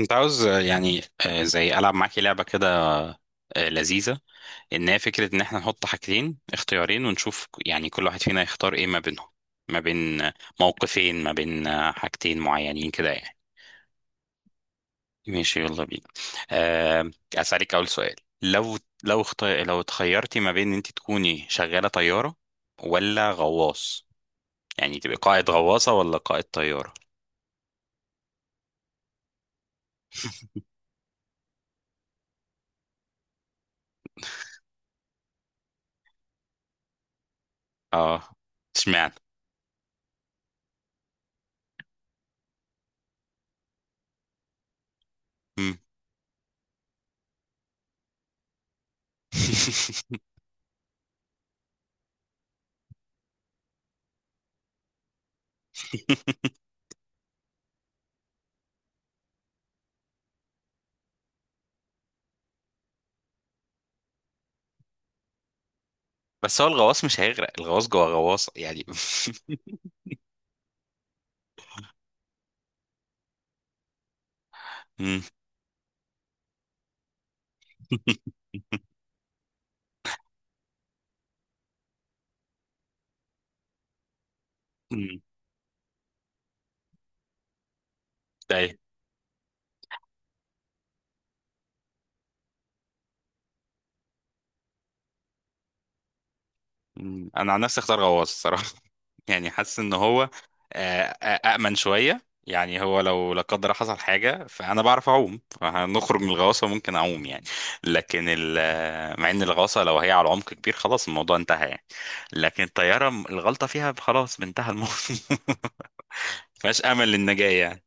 كنت عاوز يعني زي ألعب معاكي لعبة كده. لذيذة. إن هي فكرة إن إحنا نحط حاجتين اختيارين ونشوف يعني كل واحد فينا يختار إيه ما بينهم. ما بين موقفين، ما بين حاجتين معينين كده يعني. ماشي يلا بينا. آه، أسألك أول سؤال. لو اتخيرتي ما بين إن أنت تكوني شغالة طيارة ولا غواص؟ يعني تبقى قائد غواصة ولا قائد طيارة؟ اه. اشمعنى؟ مم. بس هو الغواص مش هيغرق، الغواص جوه غواصة يعني. مم. مم. ايوه. مم. انا عن نفسي اختار غواص الصراحة. يعني حاسس ان هو آه، آه، أأمن شوية، يعني هو لو لا قدر حصل حاجة فأنا بعرف أعوم، فهنخرج من الغواصة ممكن أعوم يعني. لكن مع إن الغواصة لو هي على عمق كبير خلاص الموضوع انتهى يعني. لكن الطيارة الغلطة فيها خلاص انتهى الموضوع. مفيهاش أمل للنجاة يعني،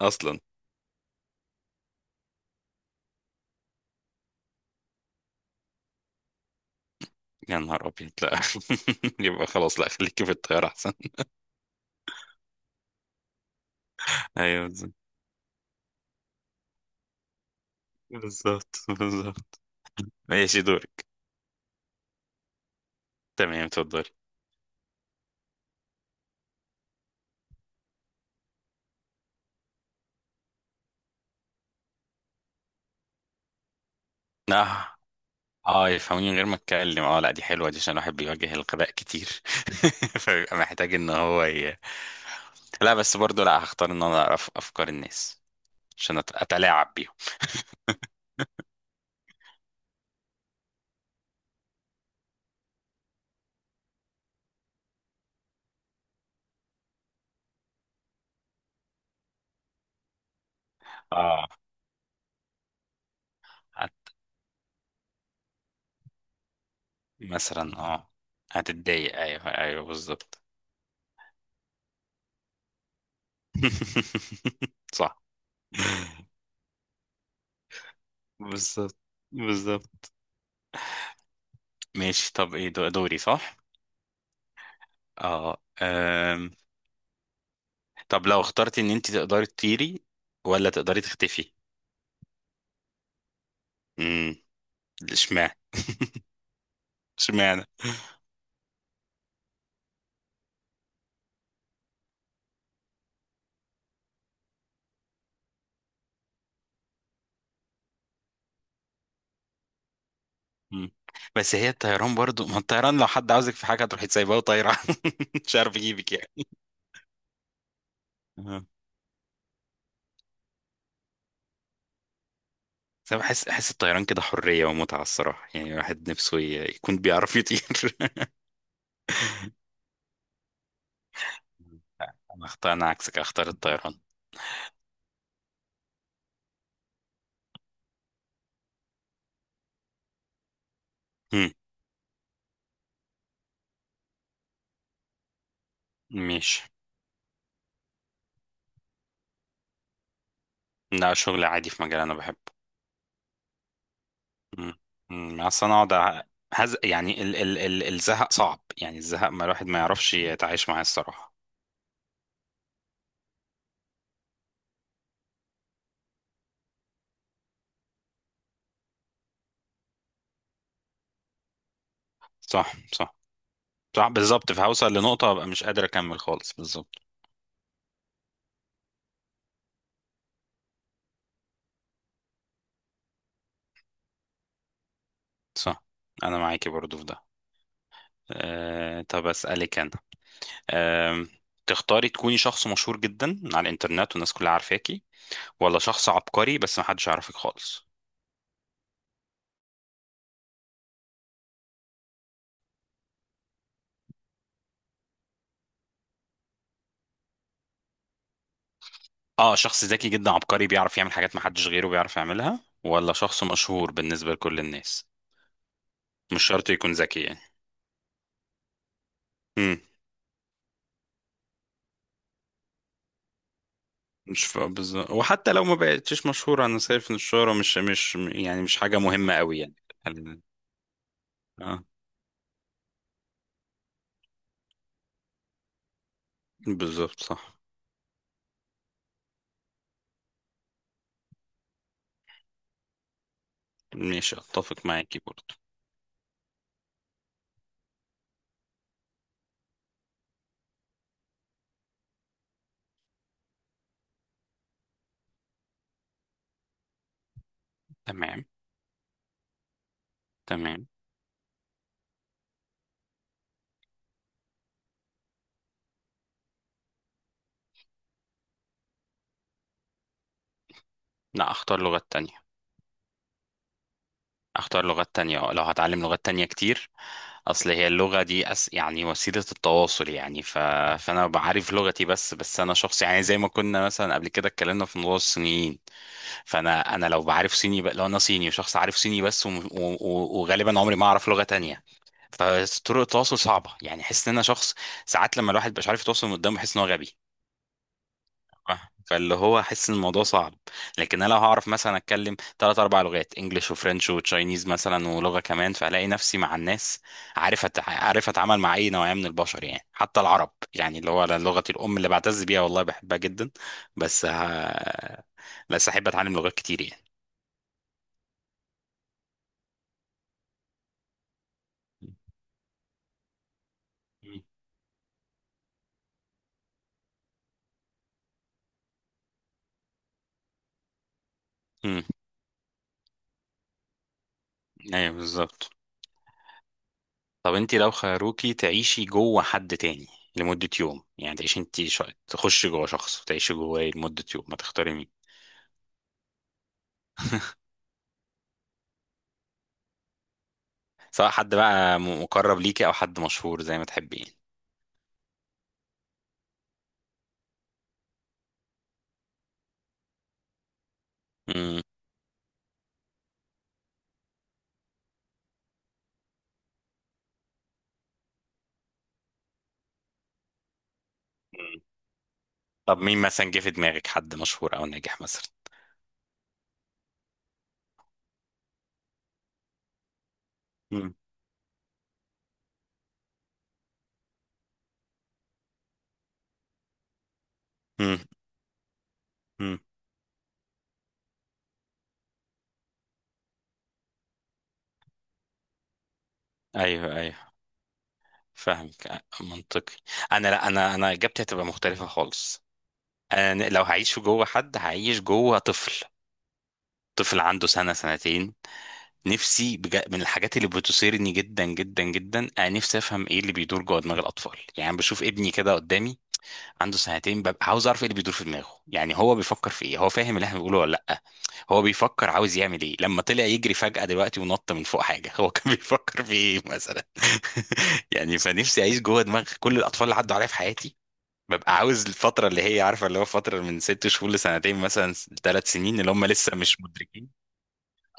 أصلا. يا نهار أبيض لا. يبقى خلاص، لا، خليكي في الطيارة أحسن. ايوه بالظبط. بالظبط بالظبط. ماشي دورك. تمام اتفضلي. اه. اه يفهموني من غير ما اتكلم، اه، لا دي حلوه دي عشان الواحد بيواجه الغباء كتير. فبيبقى محتاج ان هو لا، بس برضو لا، هختار ان انا اعرف افكار الناس عشان اتلاعب بيهم. اه. هت- مثلا اه. هتتضايق. ايوه ايوه بالظبط. صح. بالظبط. بالظبط. ماشي، طب ايه دوري؟ صح. اه. طب لو اخترتي ان انت تقدري تطيري ولا تقدري تختفي؟ امم. اشمعنى؟ اشمعنى؟ مم. بس هي الطيران برضو، ما الطيران لو حد عاوزك في حاجه تروحي تسيبها وطايره. مش عارف يجيبك يعني. آه. بس انا احس الطيران كده حريه ومتعه الصراحه، يعني الواحد نفسه يكون بيعرف يطير. انا عكسك، اختار الطيران. مم. ماشي. لا شغل عادي في مجال انا بحبه. مم. مم. اصلا اقعد يعني الزهق صعب يعني، الزهق ما الواحد ما يعرفش يتعايش معاه الصراحه. صح صح. صح بالظبط، فهوصل لنقطة هبقى مش قادر أكمل خالص. بالظبط. صح. أنا معاكي برضو في ده. أه طب أسألك أنا. أه تختاري تكوني شخص مشهور جدا على الإنترنت والناس كلها عارفاكي، ولا شخص عبقري بس محدش يعرفك خالص؟ اه شخص ذكي جدا عبقري بيعرف يعمل حاجات محدش غيره بيعرف يعملها ولا شخص مشهور بالنسبة لكل الناس؟ مش شرط يكون ذكي يعني. امم. مش ف- بالظبط، وحتى لو ما بقتش مشهورة أنا شايف إن الشهرة مش يعني مش حاجة مهمة قوي يعني. خلينا- اه. بالظبط صح. مش اتفق معاكي برضه. تمام. تمام. لا، اختار لغات تانية. اختار لغات تانية، لو هتعلم لغات تانية كتير. اصل هي اللغة دي يعني وسيلة التواصل يعني. فانا بعرف لغتي بس انا شخص يعني زي ما كنا مثلا قبل كده اتكلمنا في موضوع الصينيين. فانا انا لو بعرف صيني ب... لو انا صيني وشخص عارف صيني بس، وغالبا عمري ما اعرف لغة تانية. فطرق التواصل صعبة يعني، احس ان انا شخص ساعات لما الواحد مش عارف يتواصل من قدامه بحس ان هو غبي. آه. فاللي هو احس ان الموضوع صعب. لكن انا لو هعرف مثلا اتكلم ثلاث اربع لغات انجليش وفرنش وتشاينيز مثلا ولغه كمان، فهلاقي نفسي مع الناس. عارف اتعامل مع اي نوعيه من البشر يعني، حتى العرب يعني اللي هو لغتي الام اللي بعتز بيها والله بحبها جدا. بس ه... بس احب اتعلم لغات كتير يعني. امم. ايوه بالظبط. طب انت لو خيروكي تعيشي جوه حد تاني لمدة يوم، يعني تعيشي انت تخشي جوه شخص وتعيشي جواه لمدة يوم، ما تختاري؟ سواء حد بقى مقرب ليكي او حد مشهور زي ما تحبي يعني. مم. مم. طب مين مثلا جه في دماغك، حد مشهور او ناجح مثلا؟ مم. مم. مم. ايوه ايوه فاهمك، منطقي. انا، لا، انا اجابتي هتبقى مختلفه خالص. انا لو هعيش جوه حد هعيش جوه طفل. طفل عنده سنه سنتين. نفسي من الحاجات اللي بتثيرني جدا جدا جدا، انا نفسي افهم ايه اللي بيدور جوه دماغ الاطفال. يعني بشوف ابني كده قدامي عنده سنتين، ببقى عاوز اعرف ايه اللي بيدور في دماغه. يعني هو بيفكر في ايه؟ هو فاهم اللي احنا بنقوله ولا لا؟ هو بيفكر عاوز يعمل ايه لما طلع يجري فجأة دلوقتي ونط من فوق حاجة؟ هو كان بيفكر في ايه مثلا. يعني فنفسي اعيش جوه دماغ كل الاطفال اللي عدوا عليها في حياتي. ببقى عاوز الفترة اللي هي عارفة اللي هو فترة من 6 شهور لسنتين مثلا، 3 سنين، اللي هم لسه مش مدركين.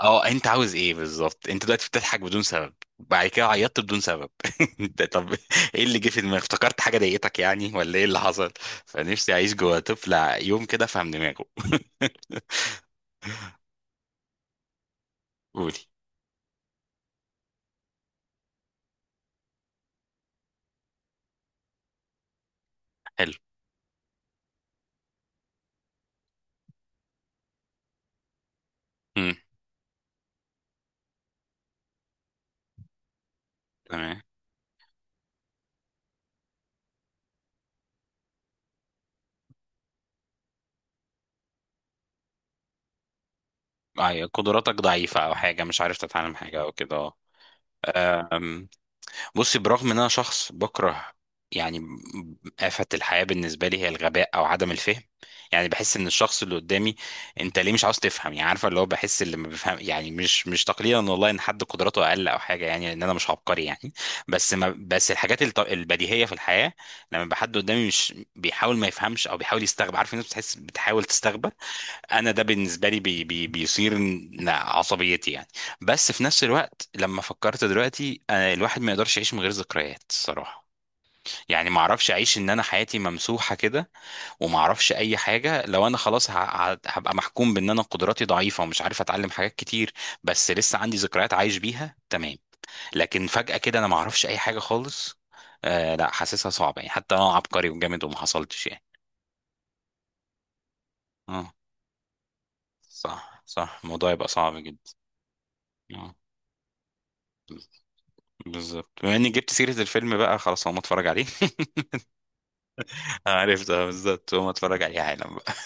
اه انت عاوز ايه بالظبط؟ انت دلوقتي بتضحك بدون سبب، بعد كده عيطت بدون سبب. انت طب، ايه اللي جه في دماغك؟ افتكرت حاجه ضايقتك يعني ولا ايه اللي حصل؟ فنفسي اعيش جوه طفل يوم كده افهم دماغه. قولي. حلو. امم. تمام. قدراتك ضعيفه او حاجه مش عارف تتعلم حاجه او كده. اه. بصي، برغم ان انا شخص بكره يعني آفة الحياة بالنسبة لي هي الغباء او عدم الفهم، يعني بحس ان الشخص اللي قدامي انت ليه مش عاوز تفهم؟ يعني عارفة اللي هو بحس اللي ما بفهم يعني مش تقليلا والله ان حد قدراته اقل او حاجة يعني، لان انا مش عبقري يعني. بس، ما بس الحاجات البديهية في الحياة، لما بحد قدامي مش بيحاول ما يفهمش او بيحاول يستغرب، عارف الناس بتحس بتحاول تستغبى. انا ده بالنسبه لي بي بي بيثير عصبيتي يعني. بس في نفس الوقت لما فكرت دلوقتي، أنا الواحد ما يقدرش يعيش من غير ذكريات الصراحه. يعني ما اعرفش اعيش ان انا حياتي ممسوحه كده، وما اعرفش اي حاجه. لو انا خلاص هبقى محكوم بان انا قدراتي ضعيفه ومش عارف اتعلم حاجات كتير بس لسه عندي ذكريات عايش بيها تمام. لكن فجاه كده انا ما اعرفش اي حاجه خالص. آه لا، حاسسها صعبه يعني حتى انا عبقري وجامد وما حصلتش يعني. اه صح صح، الموضوع يبقى صعب جدا. اه بالظبط. بما اني جبت سيرة الفيلم بقى خلاص هقوم اتفرج عليه. عارف ده، بالظبط هقوم اتفرج عليه حالا.